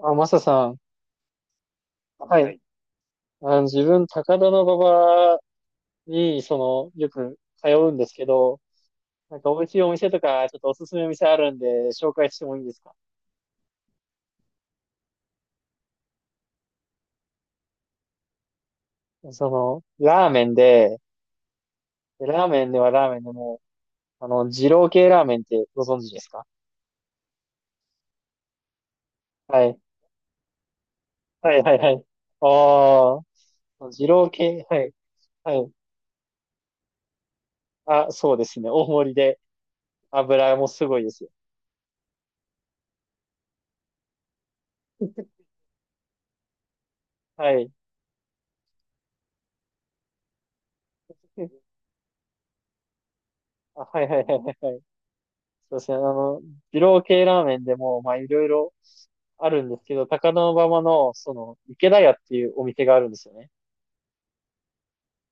あ、マサさん。ははい。い。自分、高田馬場に、よく通うんですけど、なんか美味しいお店とか、ちょっとおすすめ店あるんで、紹介してもいいですか？その、ラーメンで、ラーメンではラーメンでも、二郎系ラーメンってご存知ですか？はい。はい、はい、はい。ああ、二郎系、はい、はい。あ、そうですね。大盛りで、油もすごいですよ。はい。あ、はい、はい、はいはい。そうですね、二郎系ラーメンでも、まあ、いろいろあるんですけど、高田馬場の、その、池田屋っていうお店があるんですよね。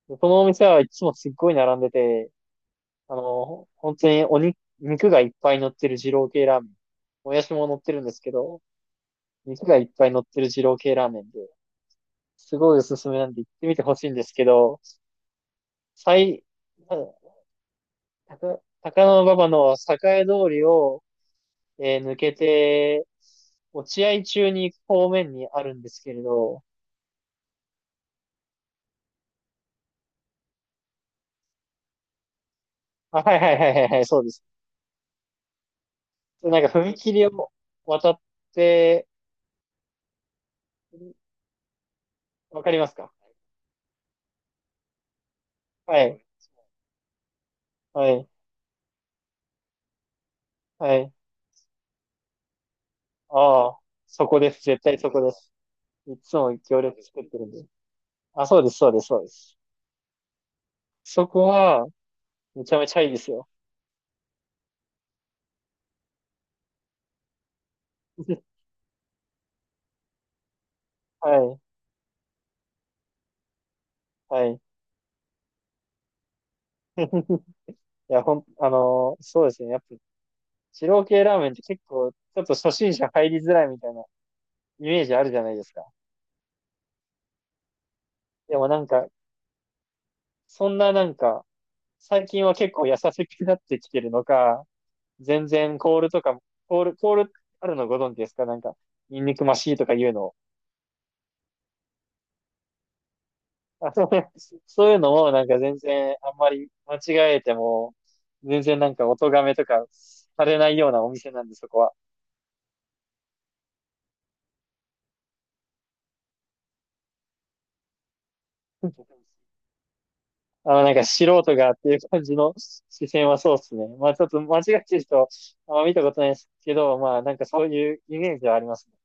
でこのお店はいつもすっごい並んでて、本当に肉がいっぱい乗ってる二郎系ラーメン。もやしも乗ってるんですけど、肉がいっぱい乗ってる二郎系ラーメンで、すごいおすすめなんで行ってみてほしいんですけど、最、高、高野馬場の栄通りを抜けて、落合中に行く方面にあるんですけれど、あ、はいはいはいはいはい、そうです。なんか踏切を渡って、わかりますか？はい、はい、はい。ああ、そこです。絶対そこです。いつも行列作ってるんで。あ、そうです、そうです、そうです。そこは、めちゃめちゃいいですよ。はい、はい。いや、そうですね。やっぱ、二郎系ラーメンって結構、ちょっと初心者入りづらいみたいなイメージあるじゃないですか。でもなんか、そんななんか、最近は結構優しくなってきてるのか、全然コールとかも、コールあるのご存知ですか？なんか、ニンニクマシーとか言うの。あそうね。そういうのもなんか全然あんまり間違えても、全然なんかお咎めとかされないようなお店なんで、そこは。あの、なんか素人がっていう感じの視線はそうですね。まあちょっと間違ってる人、あんま見たことないですけど、まあなんかそういうイメージはありますね。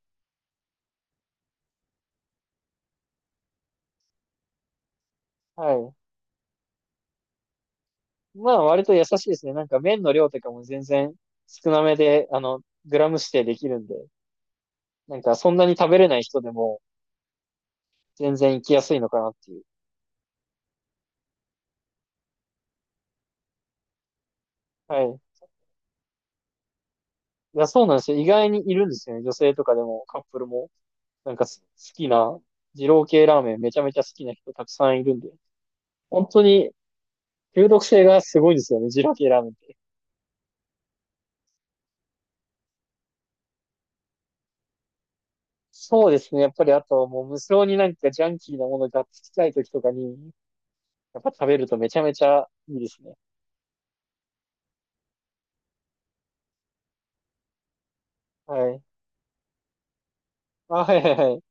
はい。まあ、割と優しいですね。なんか麺の量とかも全然少なめで、あの、グラム指定できるんで、なんかそんなに食べれない人でも全然行きやすいのかなっていう。はい。いや、そうなんですよ。意外にいるんですよね。女性とかでもカップルも。なんかす好きな、二郎系ラーメンめちゃめちゃ好きな人たくさんいるんで。本当に中毒性がすごいですよね。二郎系ラーメンって。そうですね。やっぱりあともう無性になんかジャンキーなものがっつきたい時とかに、やっぱ食べるとめちゃめちゃいいですね。はい。あ、はいはいはい。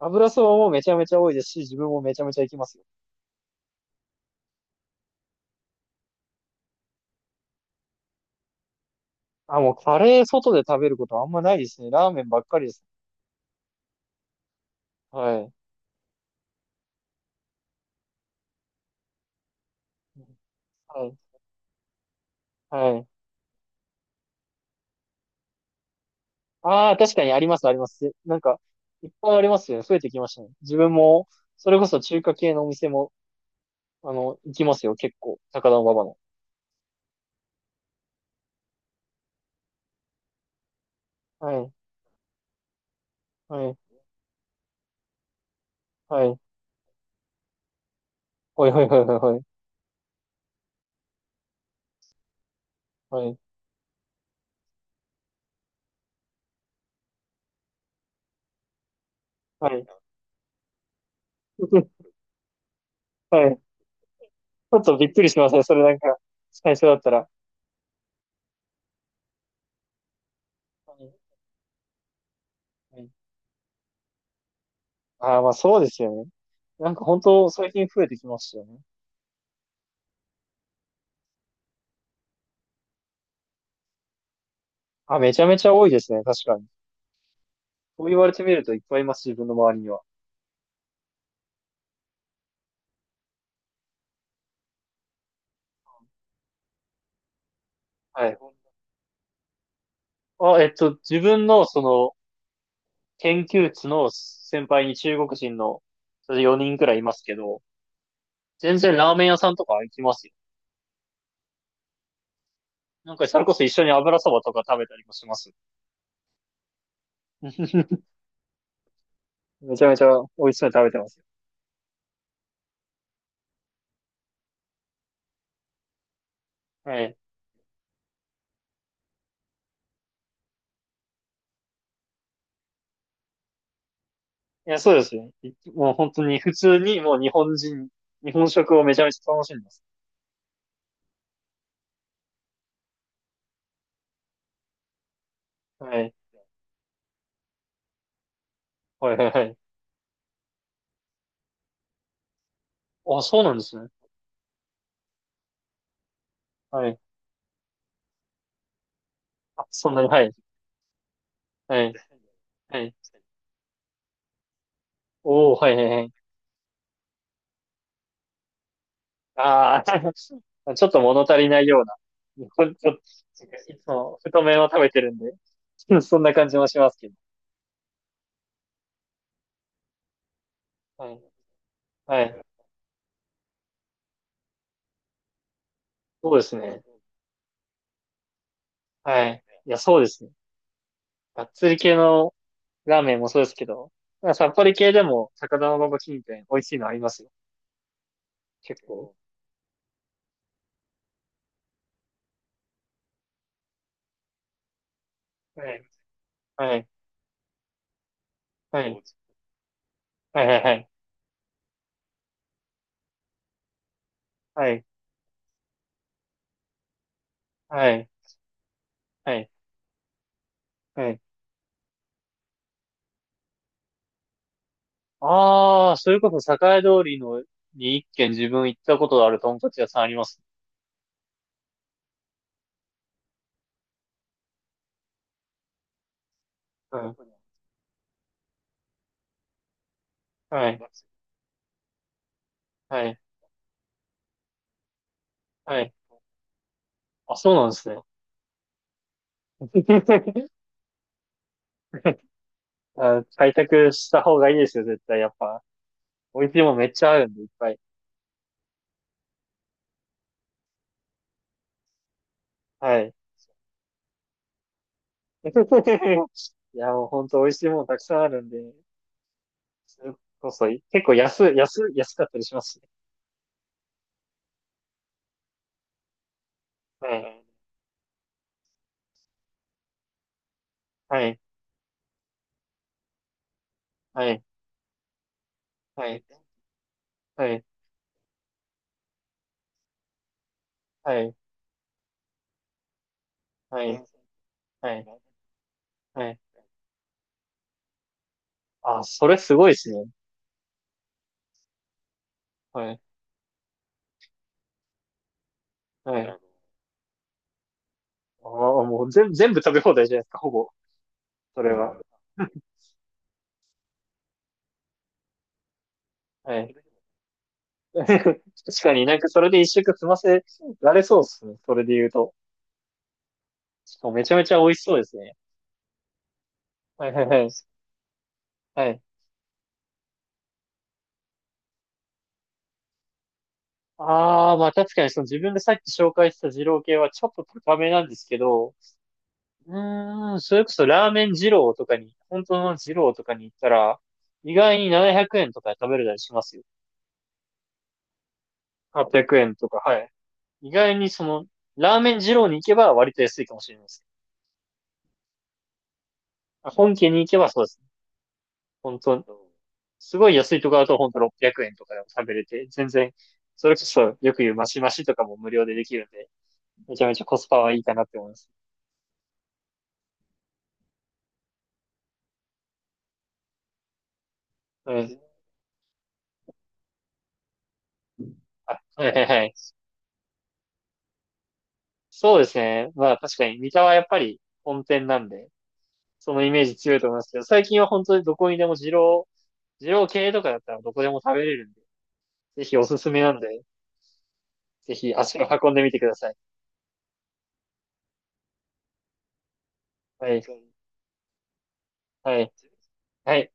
油そばもめちゃめちゃ多いですし、自分もめちゃめちゃ行きますよ。あ、もうカレー外で食べることはあんまないですね。ラーメンばっかりです。はい。はい。はい。ああ、確かにあります、あります。なんか、いっぱいありますよね。増えてきましたね。自分も、それこそ中華系のお店も、あの、行きますよ、結構。高田馬場の。はい。はい。はい。はい、はい、はい、はい。はい。はい。はい。はい。ちょっとびっくりしますね。それなんか、最初だったら。はい。はい。ああ、まあそうですよね。なんか本当最近増えてきましたよね。あ、めちゃめちゃ多いですね。確かに。そう言われてみるといっぱいいます、自分の周りには。はい。あ、えっと、自分のその研究室の先輩に中国人のそれ4人くらいいますけど、全然ラーメン屋さんとか行きますよ。なんかそれこそ一緒に油そばとか食べたりもします。めちゃめちゃ美味しそうに食べてますよ。はい。いや、そうですね。い、もう本当に普通にもう日本人、日本食をめちゃめちゃ楽しんでます。はい。はいはいはい。あ、そうなんですね。はい。あ、そんなに、はい。はい。はい。おー、はい、はい、はい。ああ、ちょっと物足りないような。ほんと、いつも太麺を食べてるんで、そんな感じもしますけど。はい。はい。そうですね。はい。いや、そうですね。がっつり系のラーメンもそうですけど、まあさっぱり系でも、高田馬場近辺、美味しいのありますよ。結構。はい。はい。はい。はい。はい。はい。はい。はい。はい。はい。ああ、それこそ栄通りのに一軒自分行ったことあるとんかつ屋さんあります。うん。はい。はい。はい。あ、そうなんですね。あ、開拓した方がいいですよ、絶対。やっぱ。美味しいもんめっちゃあるんで、いっぱい。はい。いや、もうほんと美味しいもんたくさんあるんで、それこそ、結構安かったりしますしね。はい。はい。はい。はい。はい。はい。はい。はい。はい。あ、それすごいですね。はい。はい。ああ、もう全部食べ放題じゃないですか、ほぼ。それは。はい。確かになんかそれで一食済ませられそうですね。それで言うと。しかもめちゃめちゃ美味しそうですね。はいはいはい。はい。ああ、まあ確かにその自分でさっき紹介した二郎系はちょっと高めなんですけど、うーん、それこそラーメン二郎とかに、本当の二郎とかに行ったら、意外に700円とかで食べれたりしますよ。800円とか、はい。意外にその、ラーメン二郎に行けば割と安いかもしれないです。本家に行けばそうですね。本当、すごい安いところだと本当600円とかでも食べれて、全然、それこそよく言うマシマシとかも無料でできるんで、めちゃめちゃコスパはいいかなって思います。うん。あはいはいはい。そうですね。まあ確かに、三田はやっぱり本店なんで、そのイメージ強いと思いますけど、最近は本当にどこにでも二郎系とかだったらどこでも食べれるんで、ぜひおすすめなんで、ぜひ足を運んでみてください。はい。はい。はい。